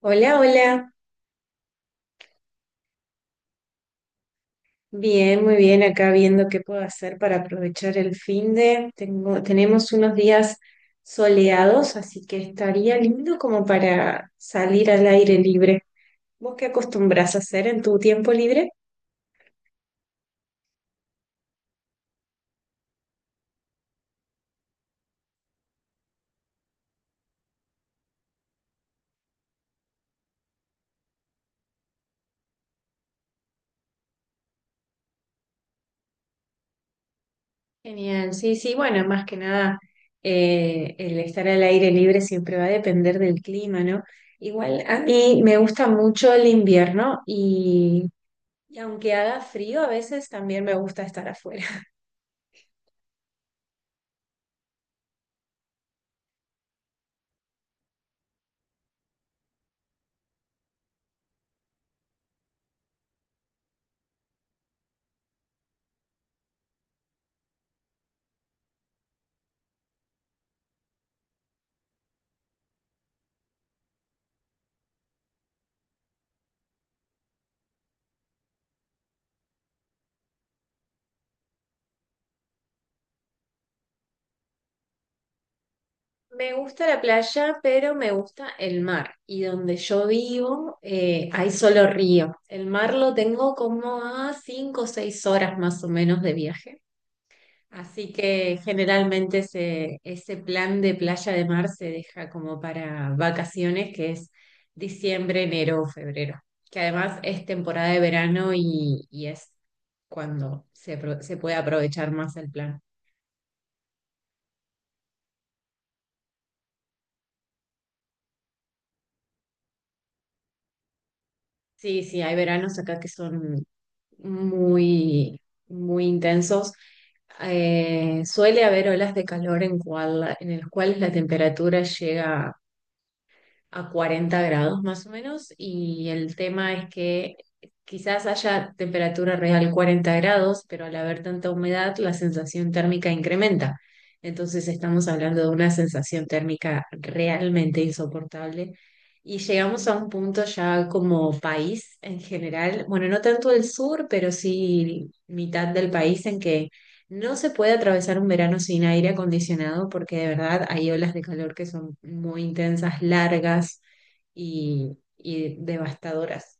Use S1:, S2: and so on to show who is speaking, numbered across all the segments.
S1: Hola, hola. Bien, muy bien. Acá viendo qué puedo hacer para aprovechar el fin de. Tenemos unos días soleados, así que estaría lindo como para salir al aire libre. ¿Vos qué acostumbras a hacer en tu tiempo libre? Genial, sí, sí. Bueno, más que nada, el estar al aire libre siempre va a depender del clima, ¿no? Igual a mí me gusta mucho el invierno y aunque haga frío, a veces también me gusta estar afuera. Me gusta la playa, pero me gusta el mar. Y donde yo vivo hay solo río. El mar lo tengo como a 5 o 6 horas más o menos de viaje. Así que generalmente ese plan de playa de mar se deja como para vacaciones, que es diciembre, enero o febrero. Que además es temporada de verano y es cuando se puede aprovechar más el plan. Sí, sí, hay veranos acá que son muy, muy intensos. Suele haber olas de calor en las cuales la temperatura llega a 40 grados más o menos y el tema es que quizás haya temperatura real 40 grados, pero al haber tanta humedad la sensación térmica incrementa. Entonces estamos hablando de una sensación térmica realmente insoportable y llegamos a un punto ya como país en general, bueno, no tanto el sur, pero sí mitad del país en que no se puede atravesar un verano sin aire acondicionado porque de verdad hay olas de calor que son muy intensas, largas y devastadoras.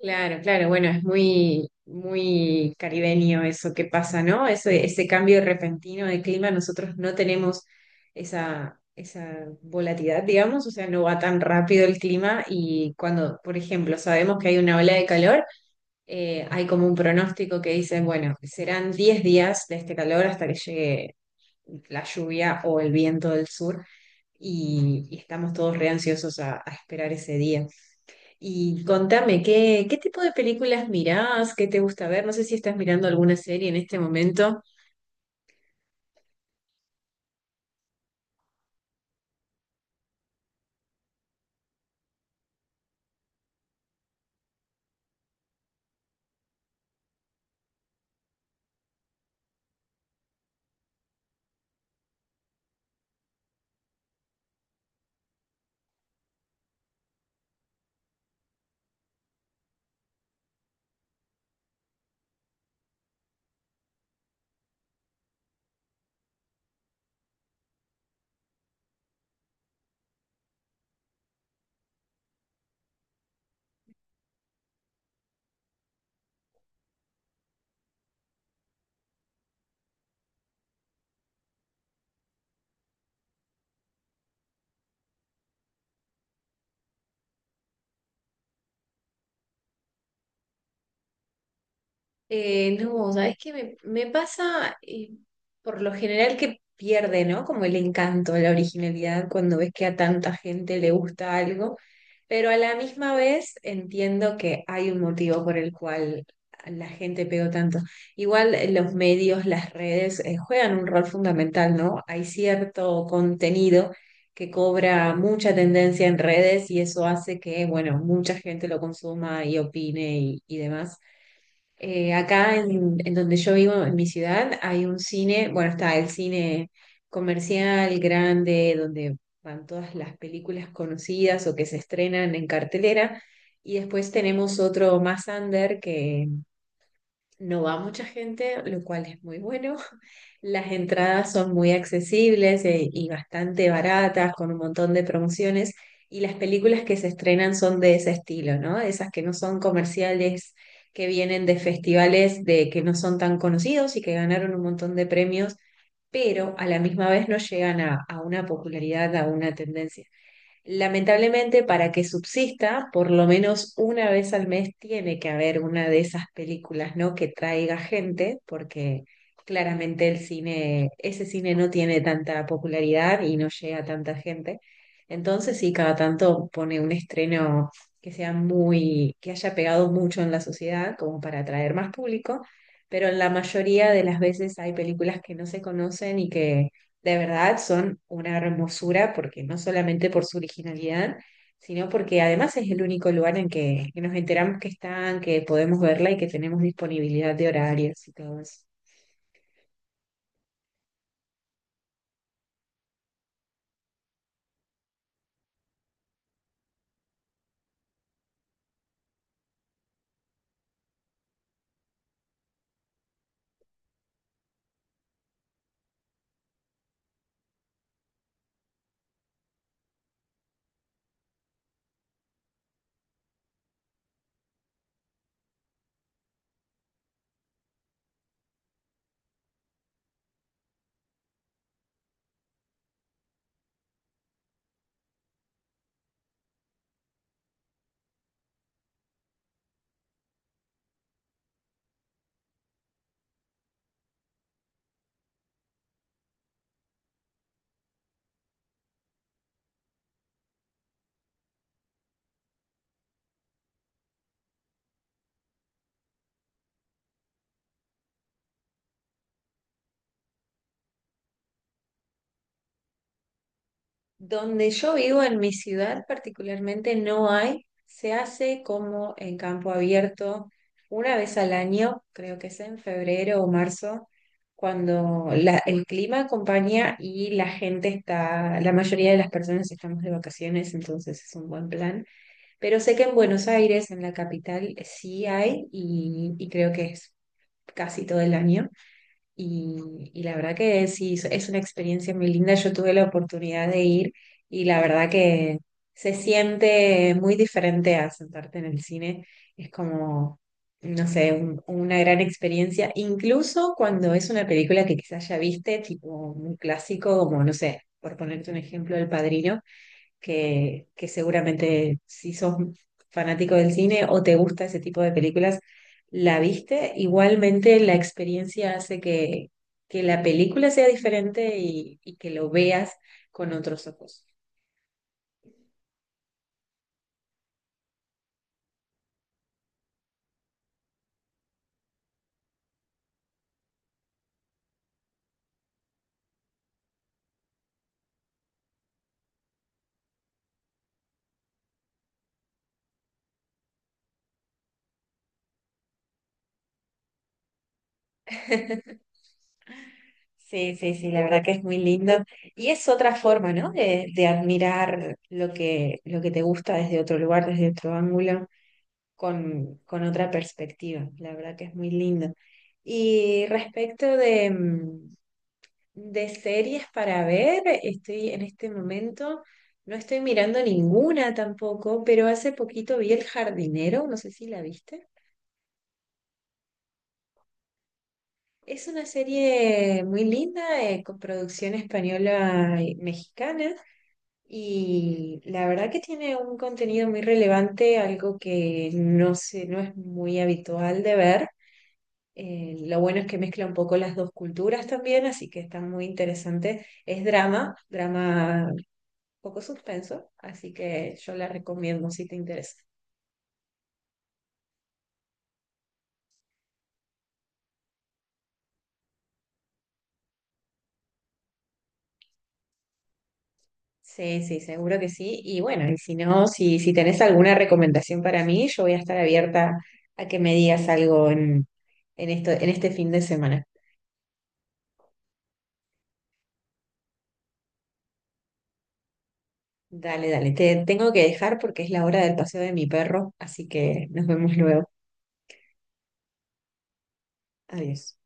S1: Claro, claro, bueno, es muy, muy caribeño eso que pasa, ¿no? Ese cambio repentino de clima, nosotros no tenemos esa volatilidad, digamos, o sea, no va tan rápido el clima y cuando, por ejemplo, sabemos que hay una ola de calor, hay como un pronóstico que dice, bueno, serán 10 días de este calor hasta que llegue la lluvia o el viento del sur y estamos todos re ansiosos a esperar ese día. Y contame, ¿ qué tipo de películas mirás? ¿Qué te gusta ver? No sé si estás mirando alguna serie en este momento. No, sabes que me pasa por lo general que pierde, ¿no? Como el encanto, la originalidad cuando ves que a tanta gente le gusta algo, pero a la misma vez entiendo que hay un motivo por el cual la gente pegó tanto. Igual los medios, las redes juegan un rol fundamental, ¿no? Hay cierto contenido que cobra mucha tendencia en redes y eso hace que, bueno, mucha gente lo consuma y opine y demás. Acá en donde yo vivo, en mi ciudad, hay un cine, bueno, está el cine comercial grande, donde van todas las películas conocidas o que se estrenan en cartelera, y después tenemos otro más under que no va mucha gente, lo cual es muy bueno. Las entradas son muy accesibles y bastante baratas, con un montón de promociones. Y las películas que se estrenan son de ese estilo, ¿no? Esas que no son comerciales, que vienen de festivales de que no son tan conocidos y que ganaron un montón de premios, pero a la misma vez no llegan a una popularidad, a una tendencia. Lamentablemente, para que subsista, por lo menos una vez al mes tiene que haber una de esas películas, ¿no? Que traiga gente, porque claramente el cine, ese cine no tiene tanta popularidad y no llega a tanta gente. Entonces, sí, cada tanto pone un estreno que sea muy, que haya pegado mucho en la sociedad, como para atraer más público, pero en la mayoría de las veces hay películas que no se conocen y que de verdad son una hermosura, porque no solamente por su originalidad, sino porque además es el único lugar en que nos enteramos que están, que podemos verla y que tenemos disponibilidad de horarios y todo eso. Donde yo vivo, en mi ciudad particularmente, no hay, se hace como en campo abierto una vez al año, creo que es en febrero o marzo, cuando el clima acompaña y la gente está, la mayoría de las personas estamos de vacaciones, entonces es un buen plan. Pero sé que en Buenos Aires, en la capital, sí hay y creo que es casi todo el año. Y la verdad que sí, es una experiencia muy linda. Yo tuve la oportunidad de ir y la verdad que se siente muy diferente a sentarte en el cine. Es como, no sé, una gran experiencia. Incluso cuando es una película que quizás ya viste, tipo un clásico, como, no sé, por ponerte un ejemplo, El Padrino que seguramente si sos fanático del cine o te gusta ese tipo de películas, la viste. Igualmente la experiencia hace que la película sea diferente y que lo veas con otros ojos. Sí, sí, sí, la verdad que es muy lindo. Y es otra forma, ¿no? De admirar lo que te gusta desde otro lugar, desde otro ángulo, con otra perspectiva. La verdad que es muy lindo. Y respecto de, de series para ver, estoy en este momento, no estoy mirando ninguna tampoco, pero hace poquito vi El Jardinero, no sé si la viste. Es una serie muy linda, con producción española y mexicana, y la verdad que tiene un contenido muy relevante, algo que no sé, no es muy habitual de ver. Lo bueno es que mezcla un poco las dos culturas también, así que está muy interesante. Es drama, drama poco suspenso, así que yo la recomiendo si te interesa. Sí, sí, seguro que sí. Y bueno, y si no, si tenés alguna recomendación para mí, yo voy a estar abierta a que me digas algo en esto, en este fin de semana. Dale, dale. Te tengo que dejar porque es la hora del paseo de mi perro, así que nos vemos luego. Adiós.